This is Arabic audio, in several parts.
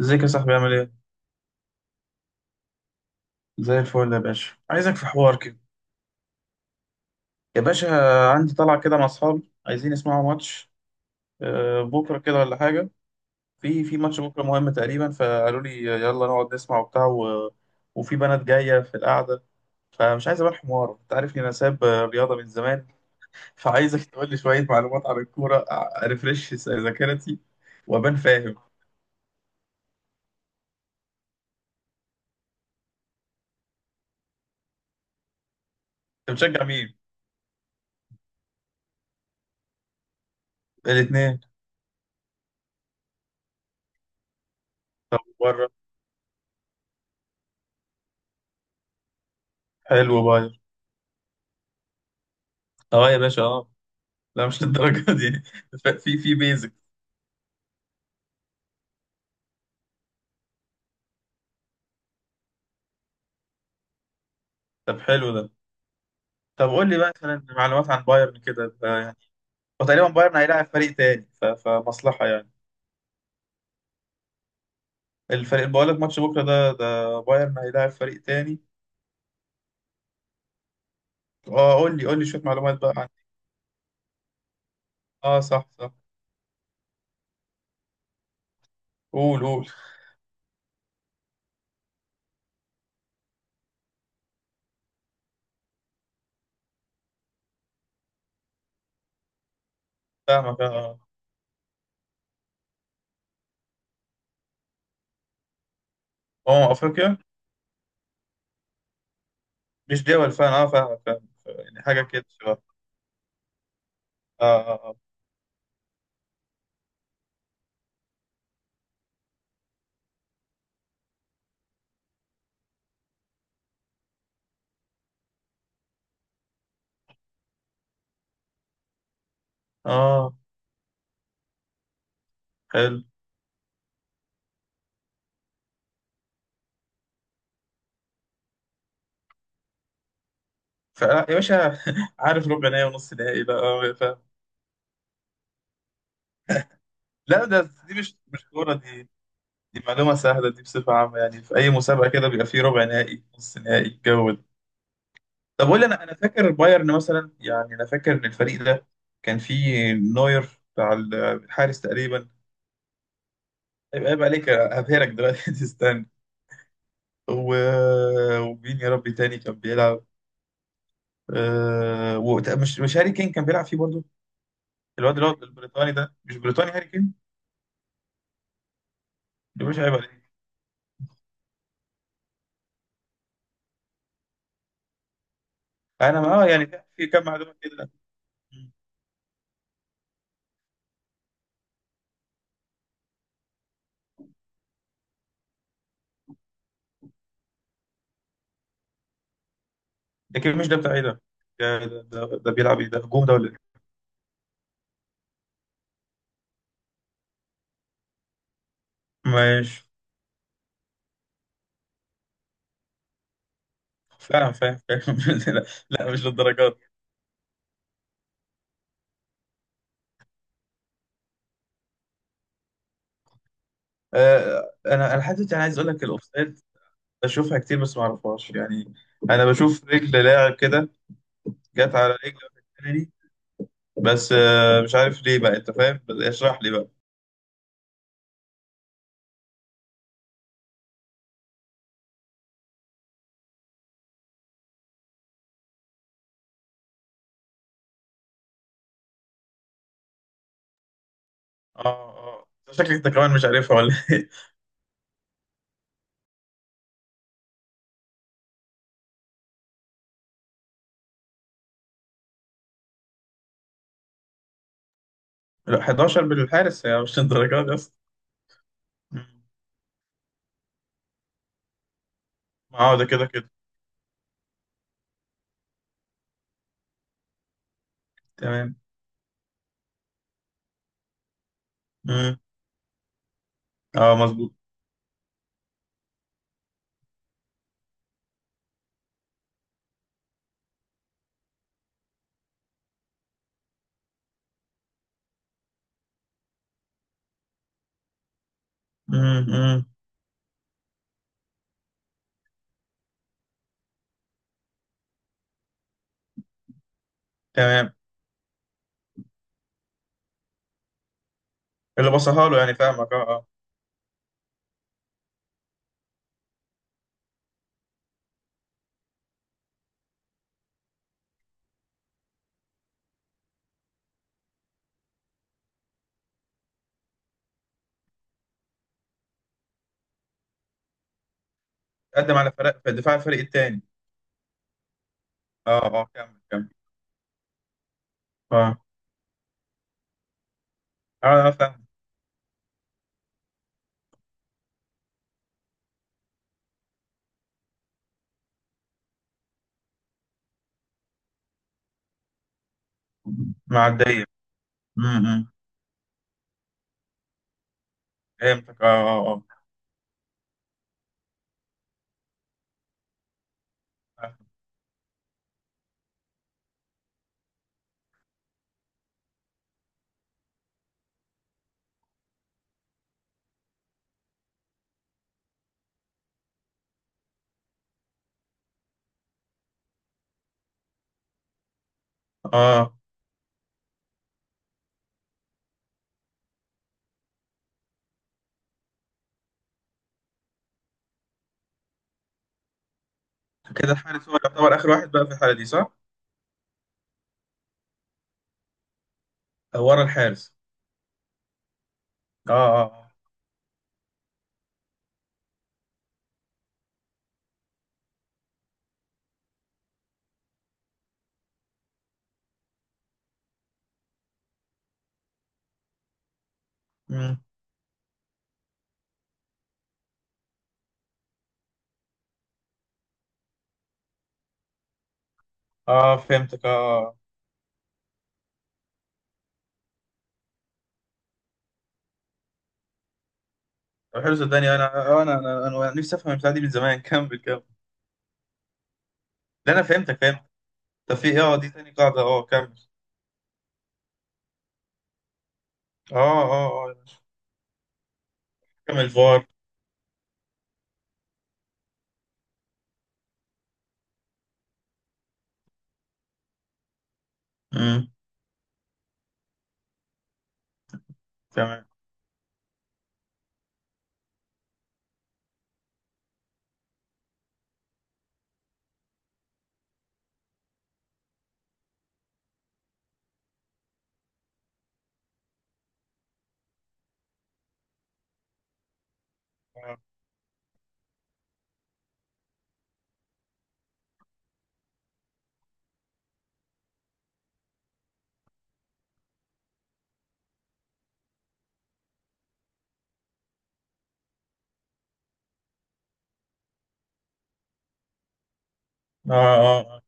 ازيك يا صاحبي عامل ايه؟ زي الفل يا باشا، عايزك في حوار كده. يا باشا، عندي طلعة كده مع اصحابي عايزين يسمعوا ماتش. آه، بكرة كده ولا حاجة. في ماتش بكرة مهم تقريبا، فقالوا لي يلا نقعد نسمع وبتاع وفي بنات جاية في القعدة. فمش عايز ابان حمار، انت عارفني انا ساب رياضة من زمان. فعايزك تقول لي شوية معلومات عن الكورة، ارفرش ذاكرتي وابان فاهم انت. بتشجع مين؟ الاتنين. بره. حلو باير. اه يا باشا اه. لا مش للدرجة دي. في بيزك. طب حلو ده. طب قول لي بقى مثلا معلومات عن بايرن كده أنت يعني. هو تقريبا بايرن هيلاعب فريق تاني فمصلحة يعني. الفريق اللي بقول لك ماتش بكرة ده بايرن هيلاعب فريق تاني. اه قول لي قول لي شوية معلومات بقى عن. اه صح صح. قول قول. فاهمك اه. اه افريقيا. مش دول، فاهم اه، فاهمك، فاهم يعني حاجة كده شبه. اه اه اه آه، حلو. يا باشا عارف ربع نهائي ونص نهائي بقى، فاهم. لا، دي مش كورة دي. دي معلومة سهلة، دي بصفة عامة يعني. في أي مسابقة كده بيبقى فيه ربع نهائي نص نهائي الجو ده. طب قول لي، أنا فاكر بايرن مثلا. يعني أنا فاكر إن الفريق ده كان فيه نوير بتاع الحارس تقريبا. هيبقى عيب عليك، هبهرك دلوقتي تستنى و... ومين يا ربي تاني كان بيلعب؟ مش هاري كين كان بيلعب فيه برضه. الواد اللي هو البريطاني ده، مش بريطاني هاري كين. ده مش عيب عليك. أنا ما يعني. في كام معلومة كده. لكن مش ده بتاع إيه ده. ده بيلعب إيه، ده هجوم ده ولا. ماشي. فاهم فاهم فاهم لا لا مش للدرجات. آه، انا حتى انا عايز اقول لك الاوفسايد. بشوفها كتير بس ما اعرفهاش يعني. انا بشوف رجل لاعب كده جت على رجل الثاني. بس مش عارف ليه بقى، انت فاهم، بس اشرح لي بقى. اه اه، شكلك انت كمان مش عارفها ولا ايه؟ لا، 11 بالحارس يعني، مش للدرجات دي اصلا. مم. اه ده كده كده. تمام. مم. اه مظبوط. مم. مم. تمام. اللي بصها له يعني، فاهمك اه اه. قدم على فرق دفاع الفريق التاني. اه اه كمل كمل. اه اه فاهم. معدية. امم. فهمتك اه. اه اه اه اه. كده الحارس هو يعتبر آخر واحد بقى في الحالة دي، صح؟ آه، ورا الحارس. اه اه اه. مم. اه فهمتك اه. آه. طب حلو، صدقني انا. آه، انا نفسي افهم البتاعة دي من زمان كمل كمل. لا، انا فهمتك فهمت. طب في إيه؟ اه، دي تاني قاعدة، اه كمل. اه اه اه اه. كمل فار. امم. تمام. اه اه آه، آه.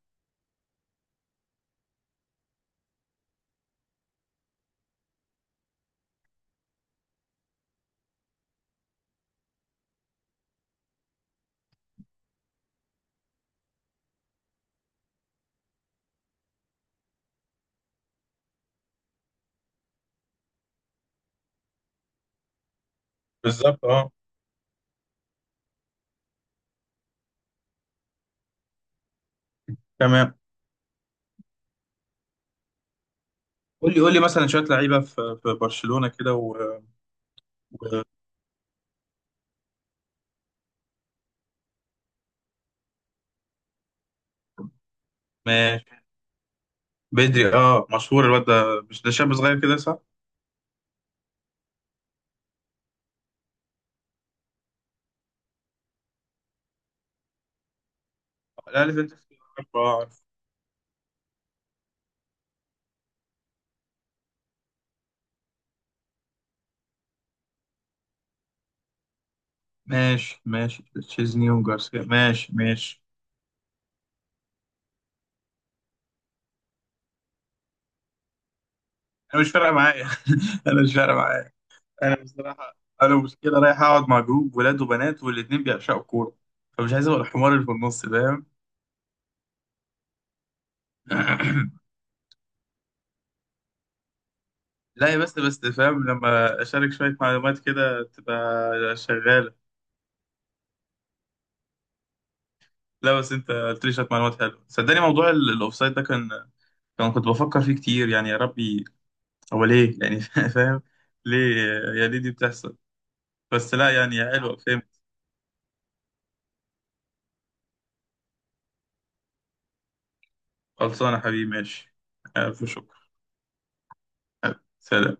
بالظبط اه. تمام. قول لي قول لي مثلا شوية لعيبة في برشلونة كده ماشي. بدري اه مشهور، الواد ده مش ده شاب صغير كده صح؟ لا عارف انت. عارفه اه عارفه. ماشي ماشي تشيزني وجارسيا، ماشي ماشي. انا مش فارقه معايا انا مش فارقه معايا. انا بصراحه. انا مش كده، رايح اقعد مع جروب ولاد وبنات والاتنين بيعشقوا الكوره. فمش عايز ابقى الحمار اللي في النص، فاهم. لا يا، بس فاهم، لما اشارك شويه معلومات كده تبقى شغاله. لا بس انت قلت لي شويه معلومات حلوه، صدقني موضوع الاوفسايد ده كان، كنت بفكر فيه كتير يعني. يا ربي هو ليه يعني فاهم. ليه، يا ليه دي بتحصل. بس لا يعني، يا حلوة فهمت. خلصانة حبيبي ماشي. ألف شكر. سلام.